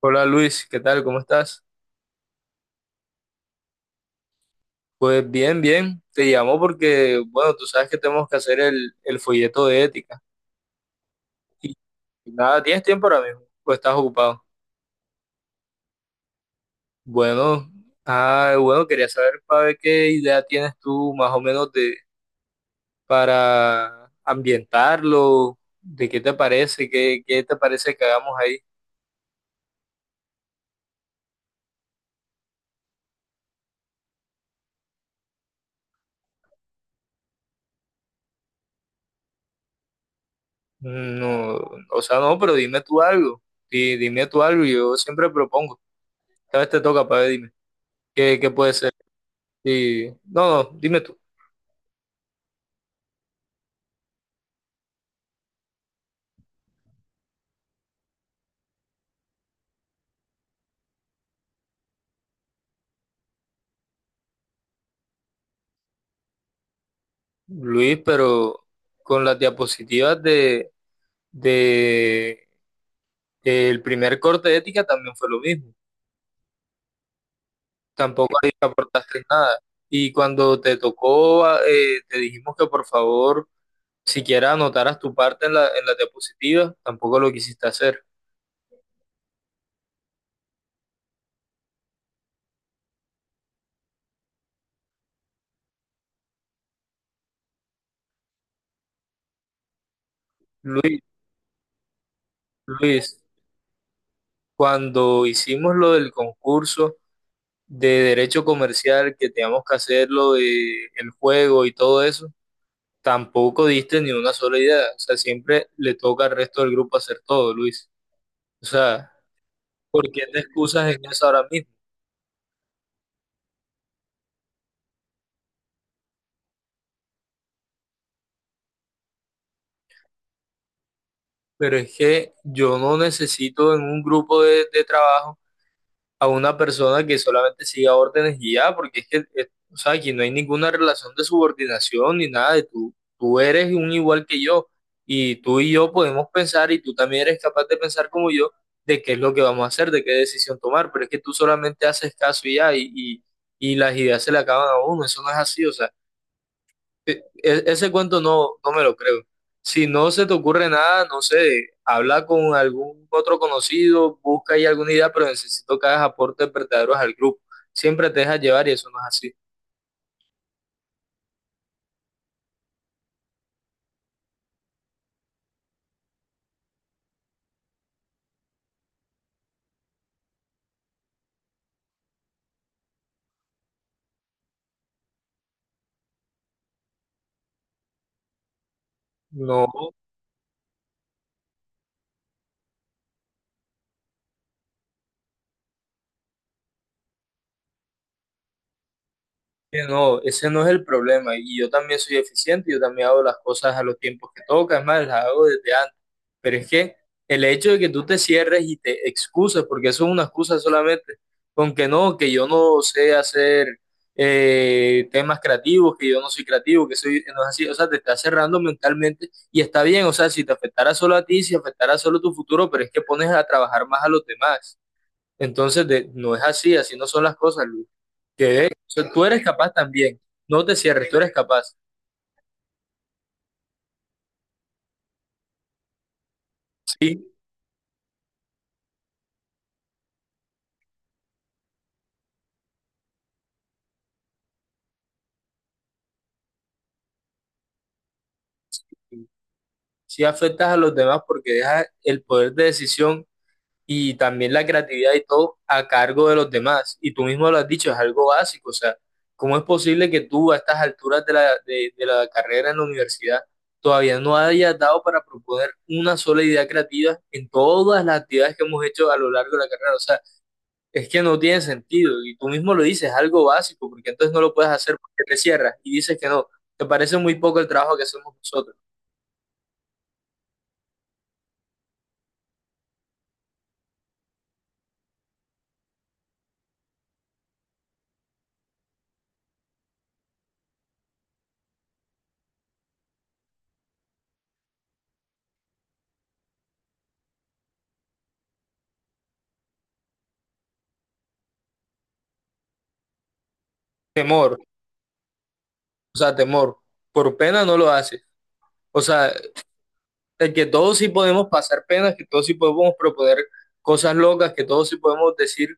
Hola Luis, ¿qué tal? ¿Cómo estás? Pues bien, bien. Te llamo porque, bueno, tú sabes que tenemos que hacer el folleto de ética. Y nada, ¿tienes tiempo ahora mismo? ¿O estás ocupado? Bueno, bueno, quería saber para ver qué idea tienes tú más o menos de para ambientarlo, de qué te parece, qué te parece que hagamos ahí. No, o sea, no, pero dime tú algo. Dime tú algo, yo siempre propongo. Cada vez te toca para ver, dime. ¿ Qué puede ser? Y, no, no, dime tú. Luis, pero con las diapositivas de el primer corte de ética también fue lo mismo. Tampoco ahí aportaste nada. Y cuando te tocó, te dijimos que por favor siquiera anotaras tu parte en en las diapositivas, tampoco lo quisiste hacer. Luis, Luis, cuando hicimos lo del concurso de derecho comercial, que teníamos que hacerlo, de el juego y todo eso, tampoco diste ni una sola idea. O sea, siempre le toca al resto del grupo hacer todo, Luis. O sea, ¿por qué te excusas en eso ahora mismo? Pero es que yo no necesito en un grupo de trabajo a una persona que solamente siga órdenes y ya, porque es que, o sea, aquí no hay ninguna relación de subordinación ni nada de tú. Tú eres un igual que yo y tú y yo podemos pensar y tú también eres capaz de pensar como yo, de qué es lo que vamos a hacer, de qué decisión tomar, pero es que tú solamente haces caso y ya y y, las ideas se le acaban a uno, eso no es así, o sea, ese cuento no, no me lo creo. Si no se te ocurre nada, no sé, habla con algún otro conocido, busca ahí alguna idea, pero necesito que hagas aportes verdaderos al grupo. Siempre te dejas llevar y eso no es así. No. Que no, ese no es el problema. Y yo también soy eficiente, yo también hago las cosas a los tiempos que toca, es más, las hago desde antes. Pero es que el hecho de que tú te cierres y te excuses, porque eso es una excusa solamente, con que no, que yo no sé hacer temas creativos, que yo no soy creativo, que soy, no es así, o sea, te estás cerrando mentalmente y está bien, o sea, si te afectara solo a ti, si afectara solo tu futuro, pero es que pones a trabajar más a los demás. Entonces, no es así, así no son las cosas, Luis. Que de hecho, tú eres capaz también. No te cierres, tú eres capaz. Sí, sí afectas a los demás porque dejas el poder de decisión y también la creatividad y todo a cargo de los demás. Y tú mismo lo has dicho, es algo básico. O sea, ¿cómo es posible que tú a estas alturas de de la carrera en la universidad todavía no hayas dado para proponer una sola idea creativa en todas las actividades que hemos hecho a lo largo de la carrera? O sea, es que no tiene sentido y tú mismo lo dices, algo básico, porque entonces no lo puedes hacer porque te cierras y dices que no. Te parece muy poco el trabajo que hacemos nosotros. Temor, o sea, temor. Por pena no lo haces. O sea, de que todos sí podemos pasar penas, que todos sí podemos proponer cosas locas, que todos sí podemos decir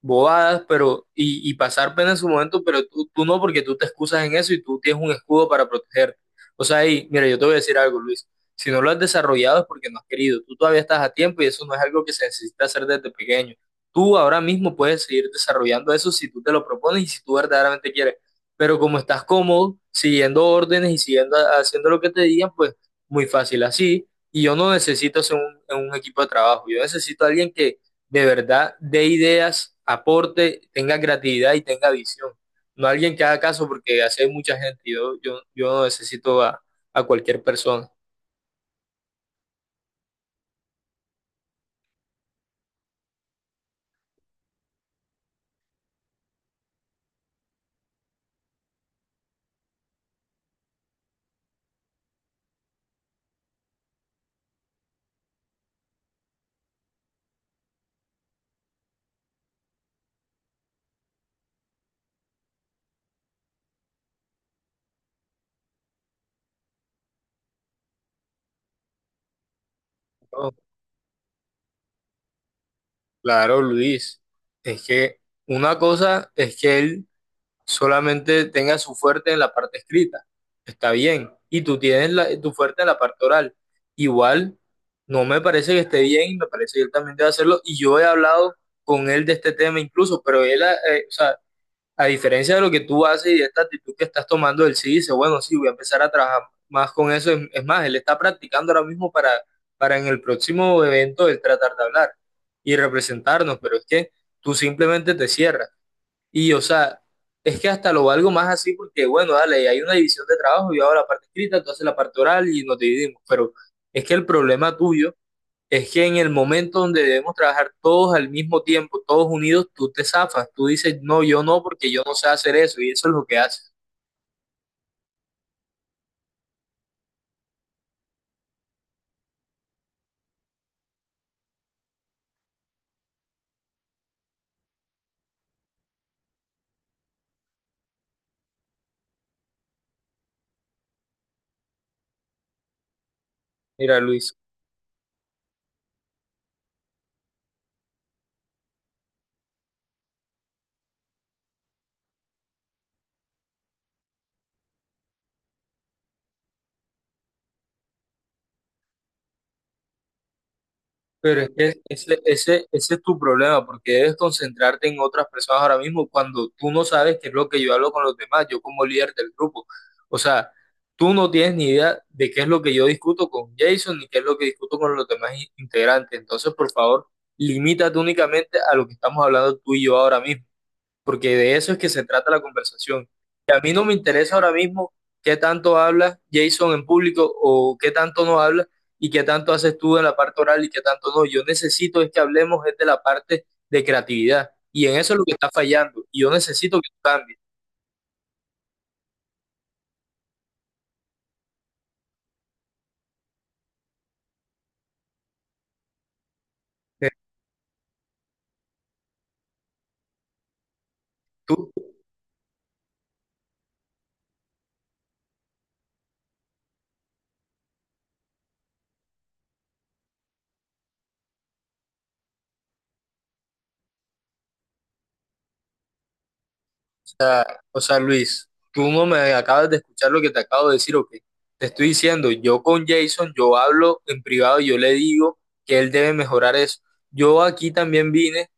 bobadas, pero y pasar pena en su momento, pero tú no, porque tú te excusas en eso y tú tienes un escudo para protegerte. O sea, y mira, yo te voy a decir algo, Luis. Si no lo has desarrollado es porque no has querido. Tú todavía estás a tiempo y eso no es algo que se necesita hacer desde pequeño. Tú ahora mismo puedes seguir desarrollando eso si tú te lo propones y si tú verdaderamente quieres. Pero como estás cómodo, siguiendo órdenes y siguiendo haciendo lo que te digan, pues muy fácil así, y yo no necesito ser un equipo de trabajo, yo necesito a alguien que de verdad dé ideas, aporte, tenga creatividad y tenga visión. No alguien que haga caso porque así hay mucha gente. Yo no necesito a cualquier persona. No, claro, Luis, es que una cosa es que él solamente tenga su fuerte en la parte escrita. Está bien. Y tú tienes tu fuerte en la parte oral. Igual, no me parece que esté bien y me parece que él también debe hacerlo. Y yo he hablado con él de este tema incluso, pero él, o sea, a diferencia de lo que tú haces y de esta actitud que estás tomando, él sí dice, bueno, sí, voy a empezar a trabajar más con eso. Es más, él está practicando ahora mismo para en el próximo evento él tratar de hablar y representarnos, pero es que tú simplemente te cierras. Y, o sea, es que hasta lo valgo más así porque, bueno, dale, hay una división de trabajo, yo hago la parte escrita, tú haces la parte oral y nos dividimos. Pero es que el problema tuyo es que en el momento donde debemos trabajar todos al mismo tiempo, todos unidos, tú te zafas, tú dices, no, yo no, porque yo no sé hacer eso, y eso es lo que haces. Mira, Luis. Pero es que ese es tu problema, porque debes concentrarte en otras personas ahora mismo cuando tú no sabes qué es lo que yo hablo con los demás, yo como líder del grupo. O sea, tú no tienes ni idea de qué es lo que yo discuto con Jason ni qué es lo que discuto con los demás integrantes. Entonces, por favor, limítate únicamente a lo que estamos hablando tú y yo ahora mismo porque de eso es que se trata la conversación. Y a mí no me interesa ahora mismo qué tanto habla Jason en público o qué tanto no habla y qué tanto haces tú en la parte oral y qué tanto no. Yo necesito es que hablemos es de la parte de creatividad y en eso es lo que está fallando y yo necesito que tú cambies. Eh, Tú, o sea, Luis, tú no me acabas de escuchar lo que te acabo de decir o qué. Te estoy diciendo, yo con Jason, yo hablo en privado y yo le digo que él debe mejorar eso. Yo aquí también vine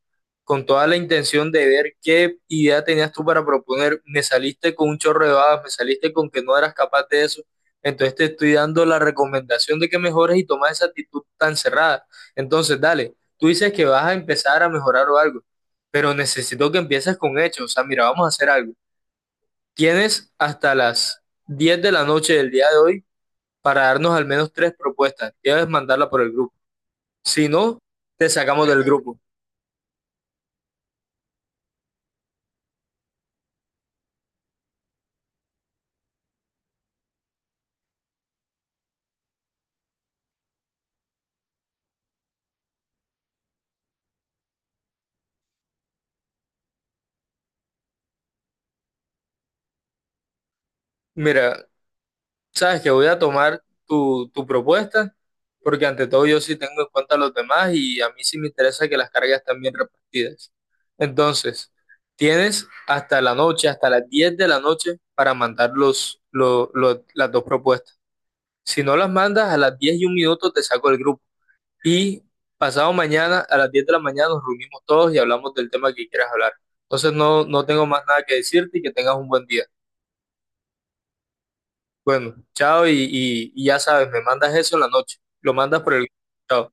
con toda la intención de ver qué idea tenías tú para proponer. Me saliste con un chorro de babas, me saliste con que no eras capaz de eso. Entonces te estoy dando la recomendación de que mejores y tomas esa actitud tan cerrada. Entonces, dale, tú dices que vas a empezar a mejorar o algo, pero necesito que empieces con hechos. O sea, mira, vamos a hacer algo. Tienes hasta las 10 de la noche del día de hoy para darnos al menos tres propuestas. Debes mandarla por el grupo. Si no, te sacamos del grupo. Mira, sabes que voy a tomar tu propuesta, porque ante todo yo sí tengo en cuenta a los demás y a mí sí me interesa que las cargas estén bien repartidas. Entonces, tienes hasta la noche, hasta las 10 de la noche para mandar las dos propuestas. Si no las mandas a las 10 y un minuto te saco del grupo. Y pasado mañana a las 10 de la mañana nos reunimos todos y hablamos del tema que quieras hablar. Entonces no, no tengo más nada que decirte y que tengas un buen día. Bueno, chao y ya sabes, me mandas eso en la noche. Lo mandas por el... Chao.